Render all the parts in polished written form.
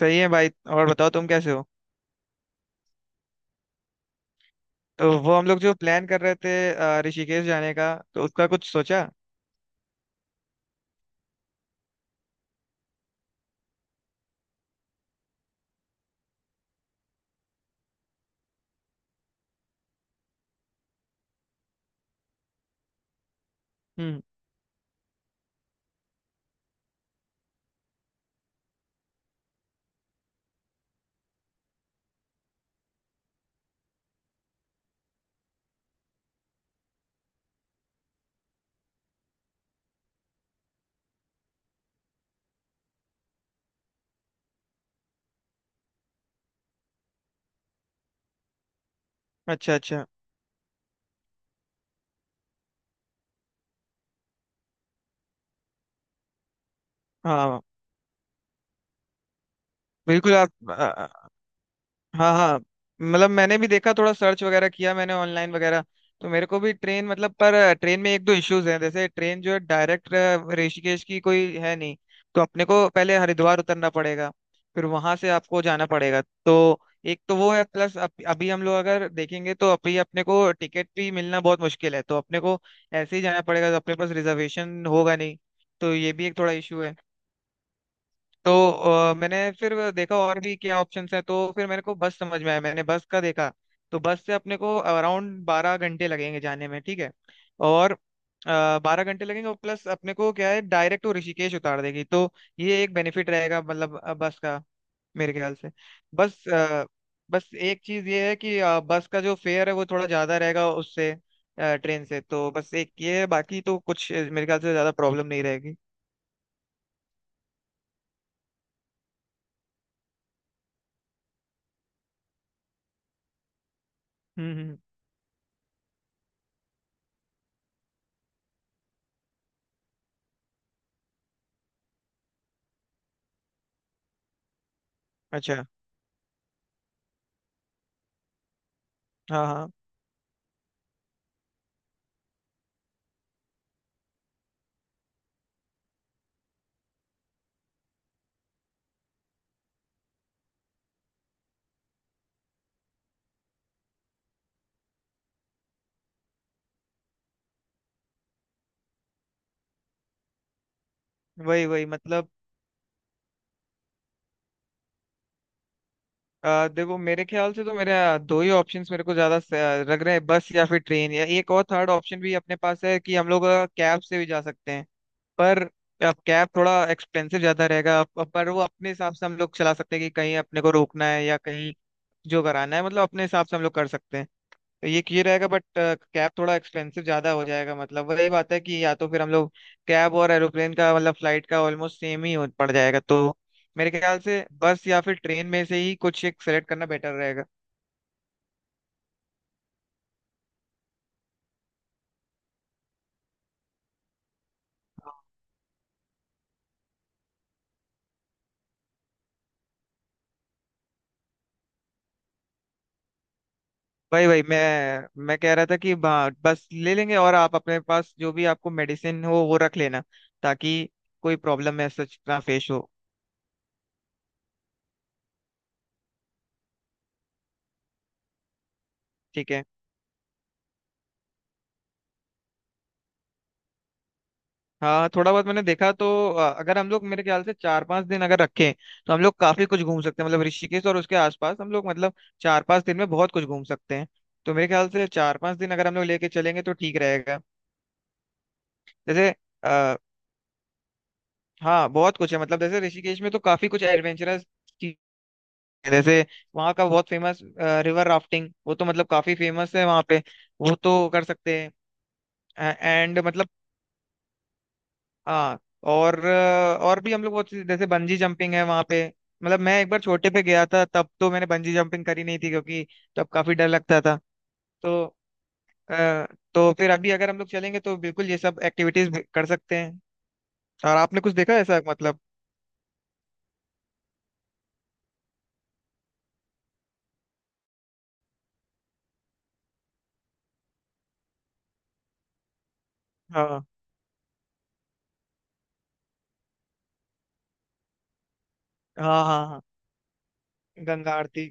सही है भाई। और बताओ तुम कैसे हो। तो वो हम लोग जो प्लान कर रहे थे ऋषिकेश जाने का, तो उसका कुछ सोचा। हम्म। अच्छा अच्छा। हाँ बिल्कुल आप। हाँ हाँ। मतलब मैंने भी देखा, थोड़ा सर्च वगैरह किया मैंने ऑनलाइन वगैरह। तो मेरे को भी ट्रेन मतलब, पर ट्रेन में एक दो इश्यूज हैं, जैसे ट्रेन जो है डायरेक्ट ऋषिकेश की कोई है नहीं। तो अपने को पहले हरिद्वार उतरना पड़ेगा, फिर वहां से आपको जाना पड़ेगा। तो एक तो वो है, प्लस अभी हम लोग अगर देखेंगे तो अभी अपने को टिकट भी मिलना बहुत मुश्किल है, तो अपने को ऐसे ही जाना पड़ेगा, तो अपने पास रिजर्वेशन होगा नहीं, तो ये भी एक थोड़ा इशू है। तो मैंने फिर देखा और भी क्या ऑप्शंस हैं, तो फिर मेरे को बस समझ में आया, मैंने बस का देखा। तो बस से अपने को अराउंड बारह घंटे लगेंगे जाने में, ठीक है। और बारह घंटे लगेंगे और प्लस अपने को क्या है, डायरेक्ट वो ऋषिकेश उतार देगी, तो ये एक बेनिफिट रहेगा मतलब बस का, मेरे ख्याल से। बस बस एक चीज ये है कि बस का जो फेयर है वो थोड़ा ज्यादा रहेगा उससे ट्रेन से। तो बस एक ये है, बाकी तो कुछ मेरे ख्याल से ज्यादा प्रॉब्लम नहीं रहेगी। हम्म। अच्छा। हाँ हाँ। वही वही मतलब। देखो मेरे ख्याल से तो मेरे दो ही ऑप्शंस मेरे को ज्यादा लग रहे हैं, बस या फिर ट्रेन, या एक और थर्ड ऑप्शन भी अपने पास है कि हम लोग कैब से भी जा सकते हैं। पर अब कैब थोड़ा एक्सपेंसिव ज्यादा रहेगा, पर वो अपने हिसाब से हम लोग चला सकते हैं कि कहीं अपने को रोकना है या कहीं जो कराना है, मतलब अपने हिसाब से हम लोग कर सकते हैं। ये रहेगा, बट कैब थोड़ा एक्सपेंसिव ज्यादा हो जाएगा, मतलब वही बात है कि या तो फिर हम लोग कैब और एरोप्लेन का मतलब फ्लाइट का ऑलमोस्ट सेम ही पड़ जाएगा। तो मेरे ख्याल से बस या फिर ट्रेन में से ही कुछ एक सेलेक्ट करना बेटर रहेगा। भाई भाई, मैं कह रहा था कि हाँ, बस ले लेंगे, और आप अपने पास जो भी आपको मेडिसिन हो वो रख लेना ताकि कोई प्रॉब्लम ऐसा ना फेस हो। ठीक है। हाँ थोड़ा बहुत मैंने देखा तो अगर हम लोग, मेरे ख्याल से चार पांच दिन अगर रखें तो हम लोग काफी कुछ घूम सकते हैं, मतलब ऋषिकेश और उसके आसपास हम लोग मतलब चार पांच दिन में बहुत कुछ घूम सकते हैं। तो मेरे ख्याल से चार पांच दिन अगर हम लोग लेके चलेंगे तो ठीक रहेगा। जैसे, आ, हाँ बहुत कुछ है, मतलब जैसे ऋषिकेश में तो काफी कुछ एडवेंचरस चीज, जैसे वहाँ का बहुत फेमस रिवर राफ्टिंग, वो तो मतलब काफी फेमस है वहाँ पे, वो तो कर सकते हैं। एंड मतलब हाँ, और और भी हम लोग बहुत जैसे बंजी जंपिंग है वहां पे। मतलब मैं एक बार छोटे पे गया था, तब तो मैंने बंजी जंपिंग करी नहीं थी क्योंकि तब काफी डर लगता था। तो अ, तो फिर अभी अगर हम लोग चलेंगे तो बिल्कुल ये सब एक्टिविटीज कर सकते हैं। और आपने कुछ देखा है ऐसा मतलब? हाँ हाँ हाँ हाँ। गंगा आरती।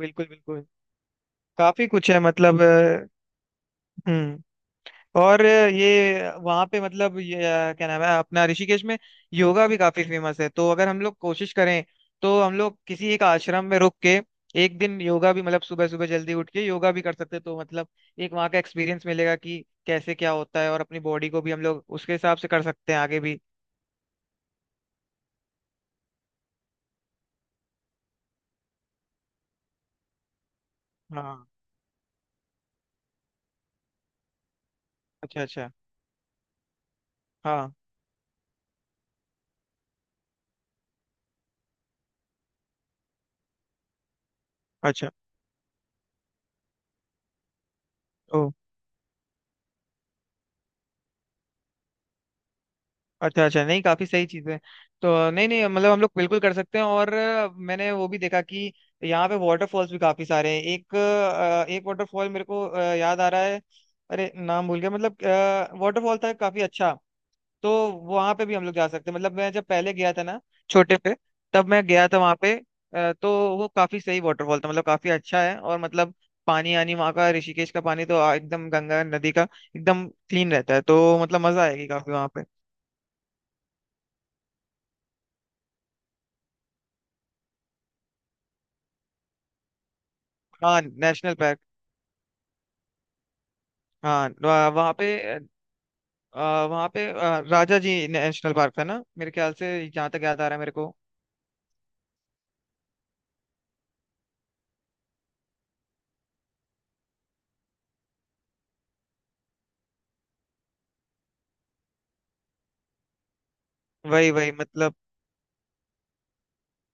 बिल्कुल बिल्कुल। काफी कुछ है मतलब हम्म और ये वहाँ पे, मतलब ये क्या नाम है अपना, ऋषिकेश में योगा भी काफी फेमस है, तो अगर हम लोग कोशिश करें तो हम लोग किसी एक आश्रम में रुक के एक दिन योगा भी, मतलब सुबह सुबह जल्दी उठ के योगा भी कर सकते हैं। तो मतलब एक वहाँ का एक्सपीरियंस मिलेगा कि कैसे क्या होता है, और अपनी बॉडी को भी हम लोग उसके हिसाब से कर सकते हैं आगे भी। हाँ। अच्छा अच्छा। हाँ। अच्छा अच्छा। अच्छा नहीं, काफी सही चीज है। तो नहीं नहीं, मतलब हम लोग बिल्कुल कर सकते हैं। और मैंने वो भी देखा कि यहाँ पे वाटरफॉल्स भी काफी सारे हैं। एक वाटरफॉल मेरे को याद आ रहा है, अरे नाम भूल गया मतलब, वाटरफॉल था काफी अच्छा। तो वहां पे भी हम लोग जा सकते हैं। मतलब मैं जब पहले गया था ना छोटे पे, तब मैं गया था वहां पे। तो वो काफी सही वाटरफॉल था, मतलब काफी अच्छा है। और मतलब पानी आनी, वहाँ का ऋषिकेश का पानी तो एकदम गंगा नदी का एकदम क्लीन रहता है, तो मतलब मजा आएगी काफी वहां पे। हाँ नेशनल पार्क। हाँ वहाँ पे राजा जी नेशनल पार्क था ना मेरे ख्याल से, जहाँ तक याद आ रहा है मेरे को। वही वही मतलब।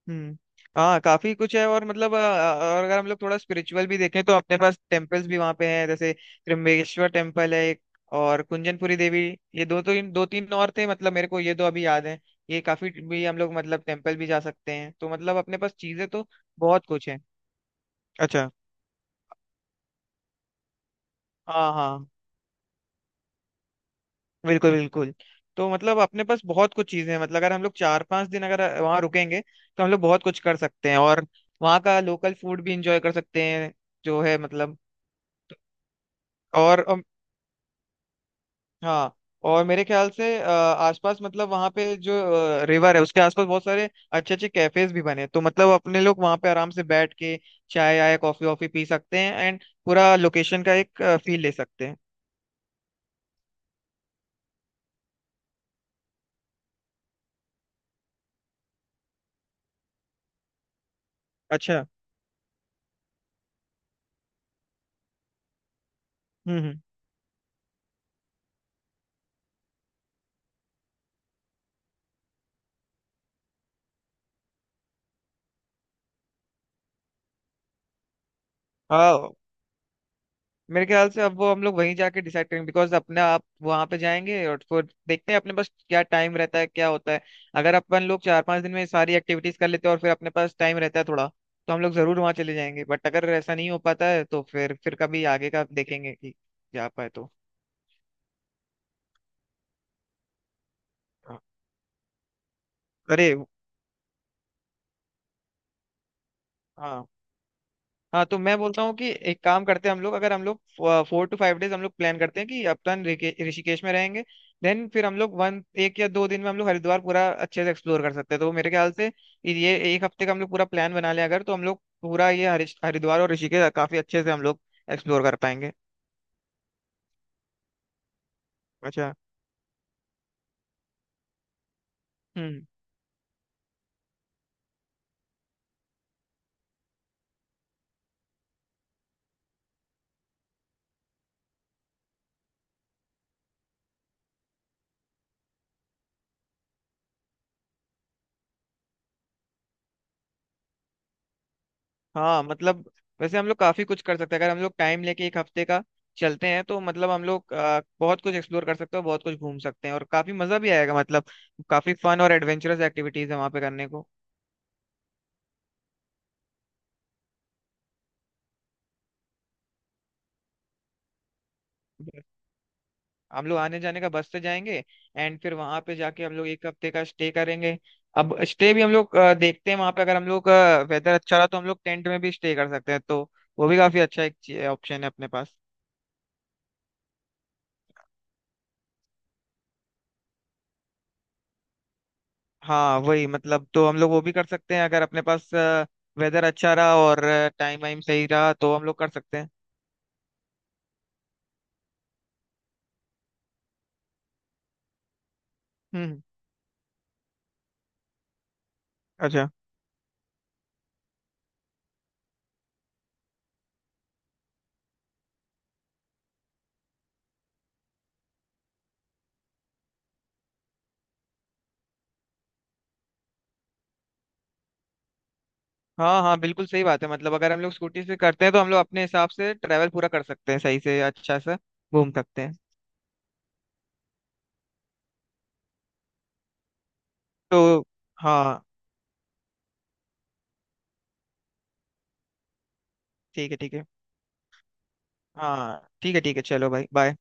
हम्म। हाँ काफी कुछ है, और मतलब और अगर हम लोग थोड़ा स्पिरिचुअल भी देखें तो अपने पास टेम्पल्स भी वहाँ पे हैं, जैसे त्र्यंबकेश्वर टेम्पल है एक, और कुंजनपुरी देवी। ये दो तो, इन दो तीन और थे मतलब, मेरे को ये दो अभी याद है। ये काफी भी हम लोग, मतलब टेम्पल भी जा सकते हैं, तो मतलब अपने पास चीजें तो बहुत कुछ है। अच्छा। हाँ हाँ। बिल्कुल बिल्कुल। तो मतलब अपने पास बहुत कुछ चीजें हैं, मतलब अगर हम लोग चार पांच दिन अगर वहां रुकेंगे तो हम लोग बहुत कुछ कर सकते हैं, और वहाँ का लोकल फूड भी इंजॉय कर सकते हैं जो है, मतलब। और हाँ, और मेरे ख्याल से आसपास मतलब वहाँ पे जो रिवर है उसके आसपास बहुत सारे अच्छे अच्छे कैफेज भी बने हैं। तो मतलब अपने लोग वहाँ पे आराम से बैठ के चाय आय कॉफी वॉफी पी सकते हैं, एंड पूरा लोकेशन का एक फील ले सकते हैं। अच्छा। हम्म। हाँ मेरे ख्याल से अब वो हम लोग वहीं जाके डिसाइड करेंगे, बिकॉज अपने आप वहां पे जाएंगे और फिर देखते हैं अपने पास क्या टाइम रहता है क्या होता है। अगर अपन लोग चार पांच दिन में सारी एक्टिविटीज कर लेते हैं और फिर अपने पास टाइम रहता है थोड़ा, तो हम लोग जरूर वहां चले जाएंगे, बट अगर ऐसा नहीं हो पाता है तो फिर कभी आगे का देखेंगे कि जा पाए तो। हाँ। अरे हाँ हाँ, तो मैं बोलता हूँ कि एक काम करते हैं, हम लोग, अगर हम लोग फोर टू फाइव डेज हम लोग प्लान करते हैं कि अपन ऋषिकेश में रहेंगे, देन फिर हम लोग वन, एक या दो दिन में हम लोग हरिद्वार पूरा अच्छे से एक्सप्लोर कर सकते हैं। तो मेरे ख्याल से ये एक हफ्ते का हम लोग पूरा प्लान बना लें अगर, तो हम लोग पूरा ये हरिद्वार और ऋषिकेश काफी अच्छे से हम लोग एक्सप्लोर कर पाएंगे। अच्छा। हम्म। हाँ मतलब, वैसे हम लोग काफी कुछ कर सकते हैं अगर हम लोग टाइम लेके एक हफ्ते का चलते हैं, तो मतलब हम लोग बहुत कुछ एक्सप्लोर कर सकते हैं, बहुत कुछ घूम सकते हैं, और काफी मजा भी आएगा, मतलब काफी फन और एडवेंचरस एक्टिविटीज है वहाँ पे करने को। Yes. हम लोग आने जाने का बस से जाएंगे, एंड फिर वहाँ पे जाके हम लोग एक हफ्ते का स्टे करेंगे। अब स्टे भी हम लोग देखते हैं वहाँ पे, अगर हम लोग वेदर अच्छा रहा तो हम लोग टेंट में भी स्टे कर सकते हैं, तो वो भी काफी अच्छा एक ऑप्शन है अपने पास। हाँ वही मतलब, तो हम लोग वो भी कर सकते हैं अगर अपने पास वेदर अच्छा रहा और टाइम वाइम सही रहा तो हम लोग कर सकते हैं। हम्म। अच्छा। हाँ हाँ बिल्कुल सही बात है, मतलब अगर हम लोग स्कूटी से करते हैं तो हम लोग अपने हिसाब से ट्रैवल पूरा कर सकते हैं, सही से अच्छा से घूम सकते हैं। तो हाँ, ठीक है ठीक है। हाँ ठीक है ठीक है, चलो भाई, बाय।